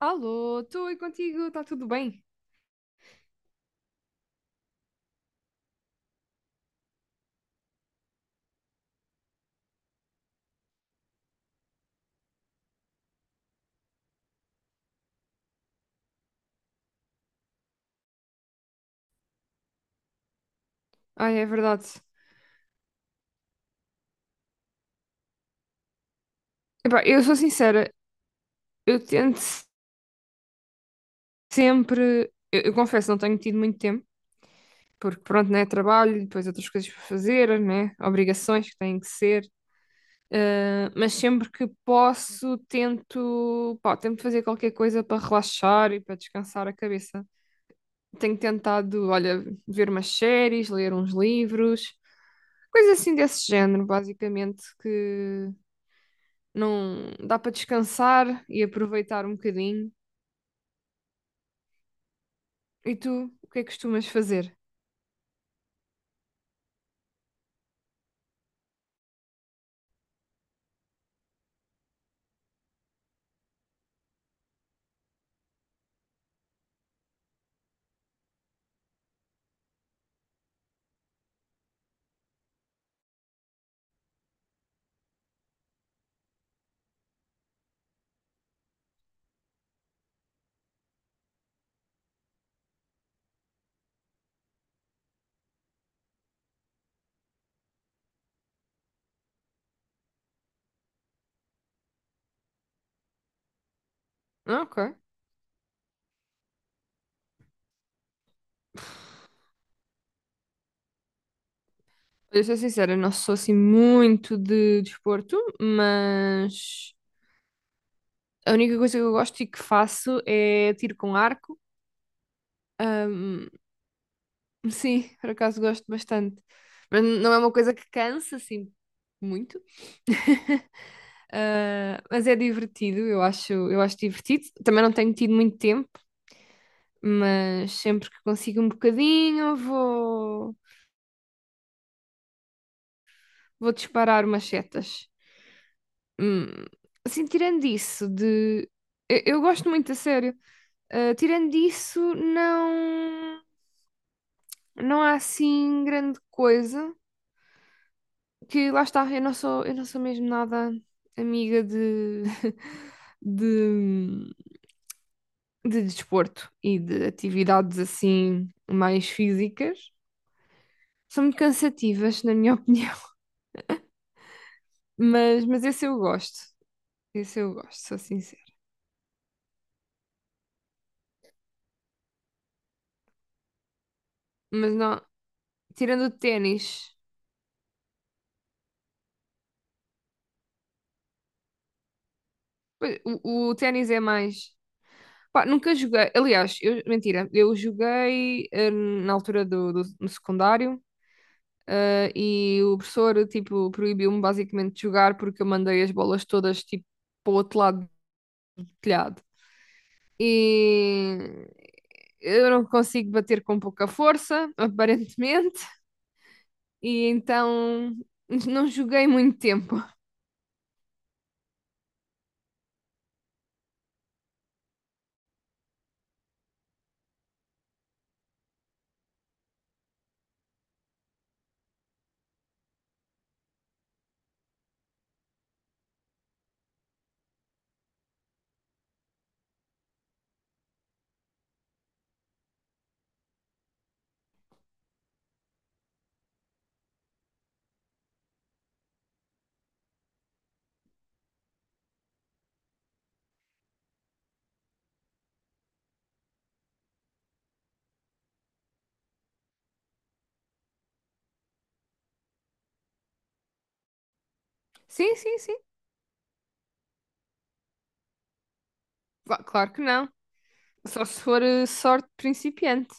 Alô, estou aí contigo, está tudo bem? Ah, é verdade. Epá, eu sou sincera, eu tento sempre. Eu confesso, não tenho tido muito tempo, porque pronto, né? Trabalho, depois outras coisas para fazer, né? Obrigações que têm que ser. Ah, mas sempre que posso, tento, pá, tento fazer qualquer coisa para relaxar e para descansar a cabeça. Tenho tentado, olha, ver umas séries, ler uns livros, coisas assim desse género, basicamente, que não dá para descansar e aproveitar um bocadinho. E tu, o que é que costumas fazer? Ah, ok. Olha, eu sou sincera, eu não sou assim muito de desporto, mas a única coisa que eu gosto e que faço é tiro com arco. Hum, sim, por acaso gosto bastante. Mas não é uma coisa que cansa assim muito. Ah, mas é divertido, eu acho divertido. Também não tenho tido muito tempo, mas sempre que consigo um bocadinho, vou vou disparar umas setas. Hum, Assim, tirando isso de. Eu gosto muito, a sério. Ah, tirando isso, não. Não há assim grande coisa. Que lá está, eu não sou mesmo nada amiga de. de, de desporto e de atividades assim mais físicas. São muito cansativas, na minha opinião. Mas esse eu gosto. Esse eu gosto, sou sincera. Mas não, tirando o ténis, pois, o ténis é mais. Pá, nunca joguei. Aliás, eu, mentira, eu joguei na altura no secundário, e o professor, tipo, proibiu-me basicamente de jogar porque eu mandei as bolas todas, tipo, para o outro lado do telhado. E eu não consigo bater com pouca força, aparentemente, e então não joguei muito tempo. Sim, sim, sim. Cla- claro que não. Só se for sorte de principiante.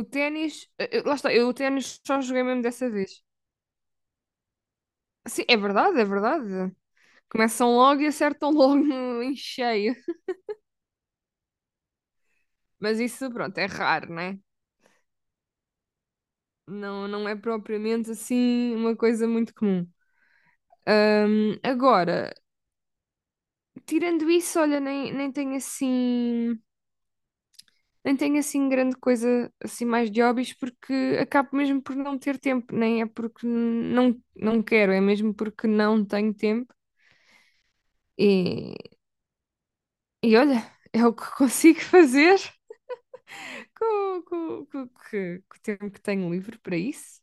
O ténis, lá está, eu o ténis só joguei mesmo dessa vez. Sim, é verdade, é verdade. Começam logo e acertam logo no- em cheio. Mas isso, pronto, é raro, né? Não, não é propriamente assim uma coisa muito comum. Agora, tirando isso, olha, nem tenho assim, nem tenho assim grande coisa assim mais de hobbies porque acabo mesmo por não ter tempo, nem é porque não quero, é mesmo porque não tenho tempo. E, e olha, é o que consigo fazer com o tempo que tenho livre para isso.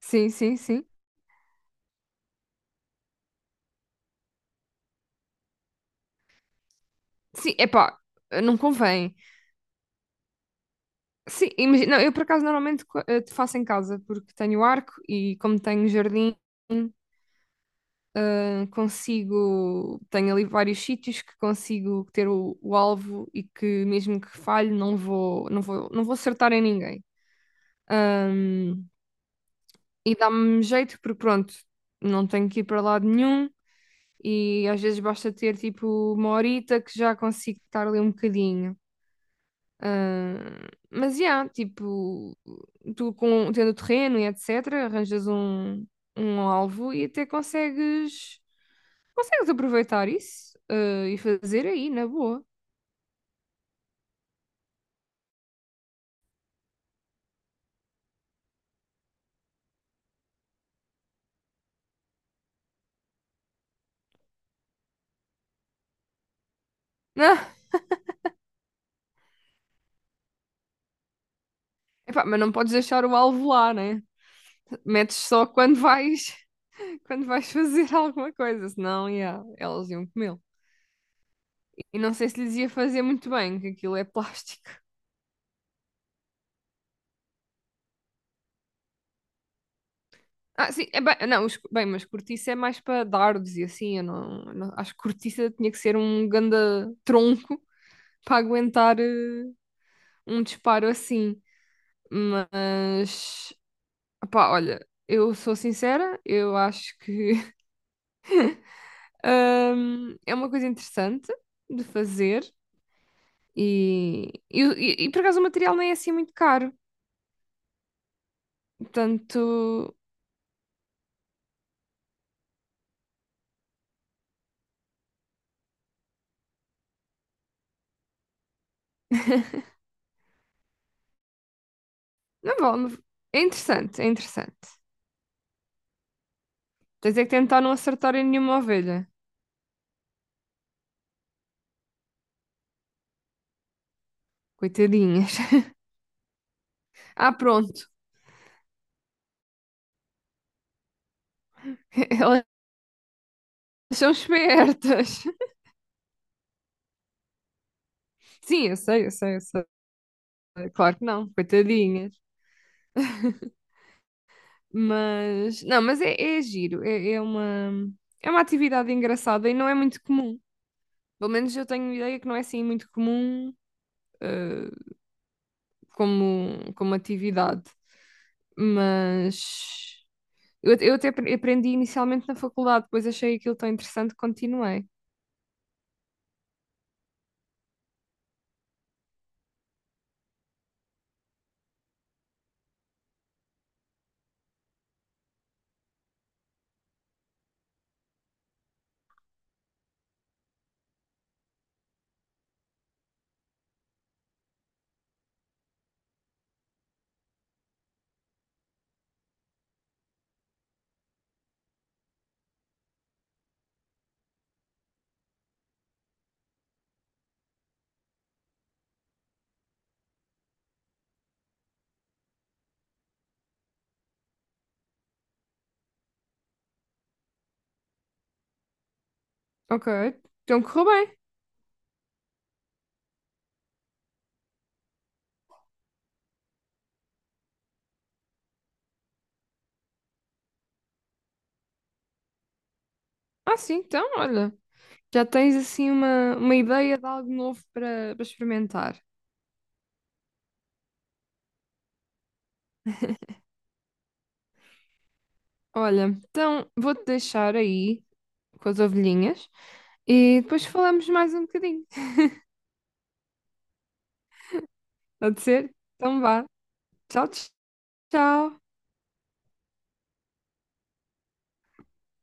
Sim, sim, sim. Sim, epá, não convém. Sim, imagina, não, eu por acaso normalmente faço em casa porque tenho arco e como tenho um jardim, consigo, tenho ali vários sítios que consigo ter o alvo e que mesmo que falhe não vou acertar em ninguém. Ahm, e dá-me jeito porque pronto, não tenho que ir para lado nenhum e às vezes basta ter tipo uma horita que já consigo estar ali um bocadinho. Ah, mas já, yeah, tipo, tu com, tendo terreno e etc., arranjas um, um alvo e até consegues, consegues aproveitar isso, ah, e fazer aí, na boa. Ah, epá, mas não podes deixar o alvo lá, né? Metes só quando vais, quando vais fazer alguma coisa, senão, yeah, elas iam comê-lo. E não sei se lhes ia fazer muito bem, que aquilo é plástico. Ah, sim, é bem, não, os- bem, mas cortiça é mais para dardos e assim, eu não- acho que cortiça tinha que ser um ganda tronco para aguentar um disparo assim. Mas, pá, olha, eu sou sincera, eu acho que é uma coisa interessante de fazer e, por acaso o material nem é assim muito caro, portanto, não vale, é interessante, é interessante. Tens é que tentar não acertar em nenhuma ovelha, coitadinhas. Ah, pronto. Elas são espertas. Sim, eu sei, eu sei, eu sei. Claro que não, coitadinhas. Mas, não, mas é, é giro. É, é uma atividade engraçada e não é muito comum. Pelo menos eu tenho ideia que não é assim muito comum, eh, como, como atividade. Mas eu até apre- aprendi inicialmente na faculdade, depois achei aquilo tão interessante que continuei. Ok, então correu bem. Ah, sim, então, olha. Já tens assim uma ideia de algo novo para para experimentar. Olha, então vou-te deixar aí com as ovelhinhas e depois falamos mais um bocadinho. Pode ser? Então vá. Tchau, tchau.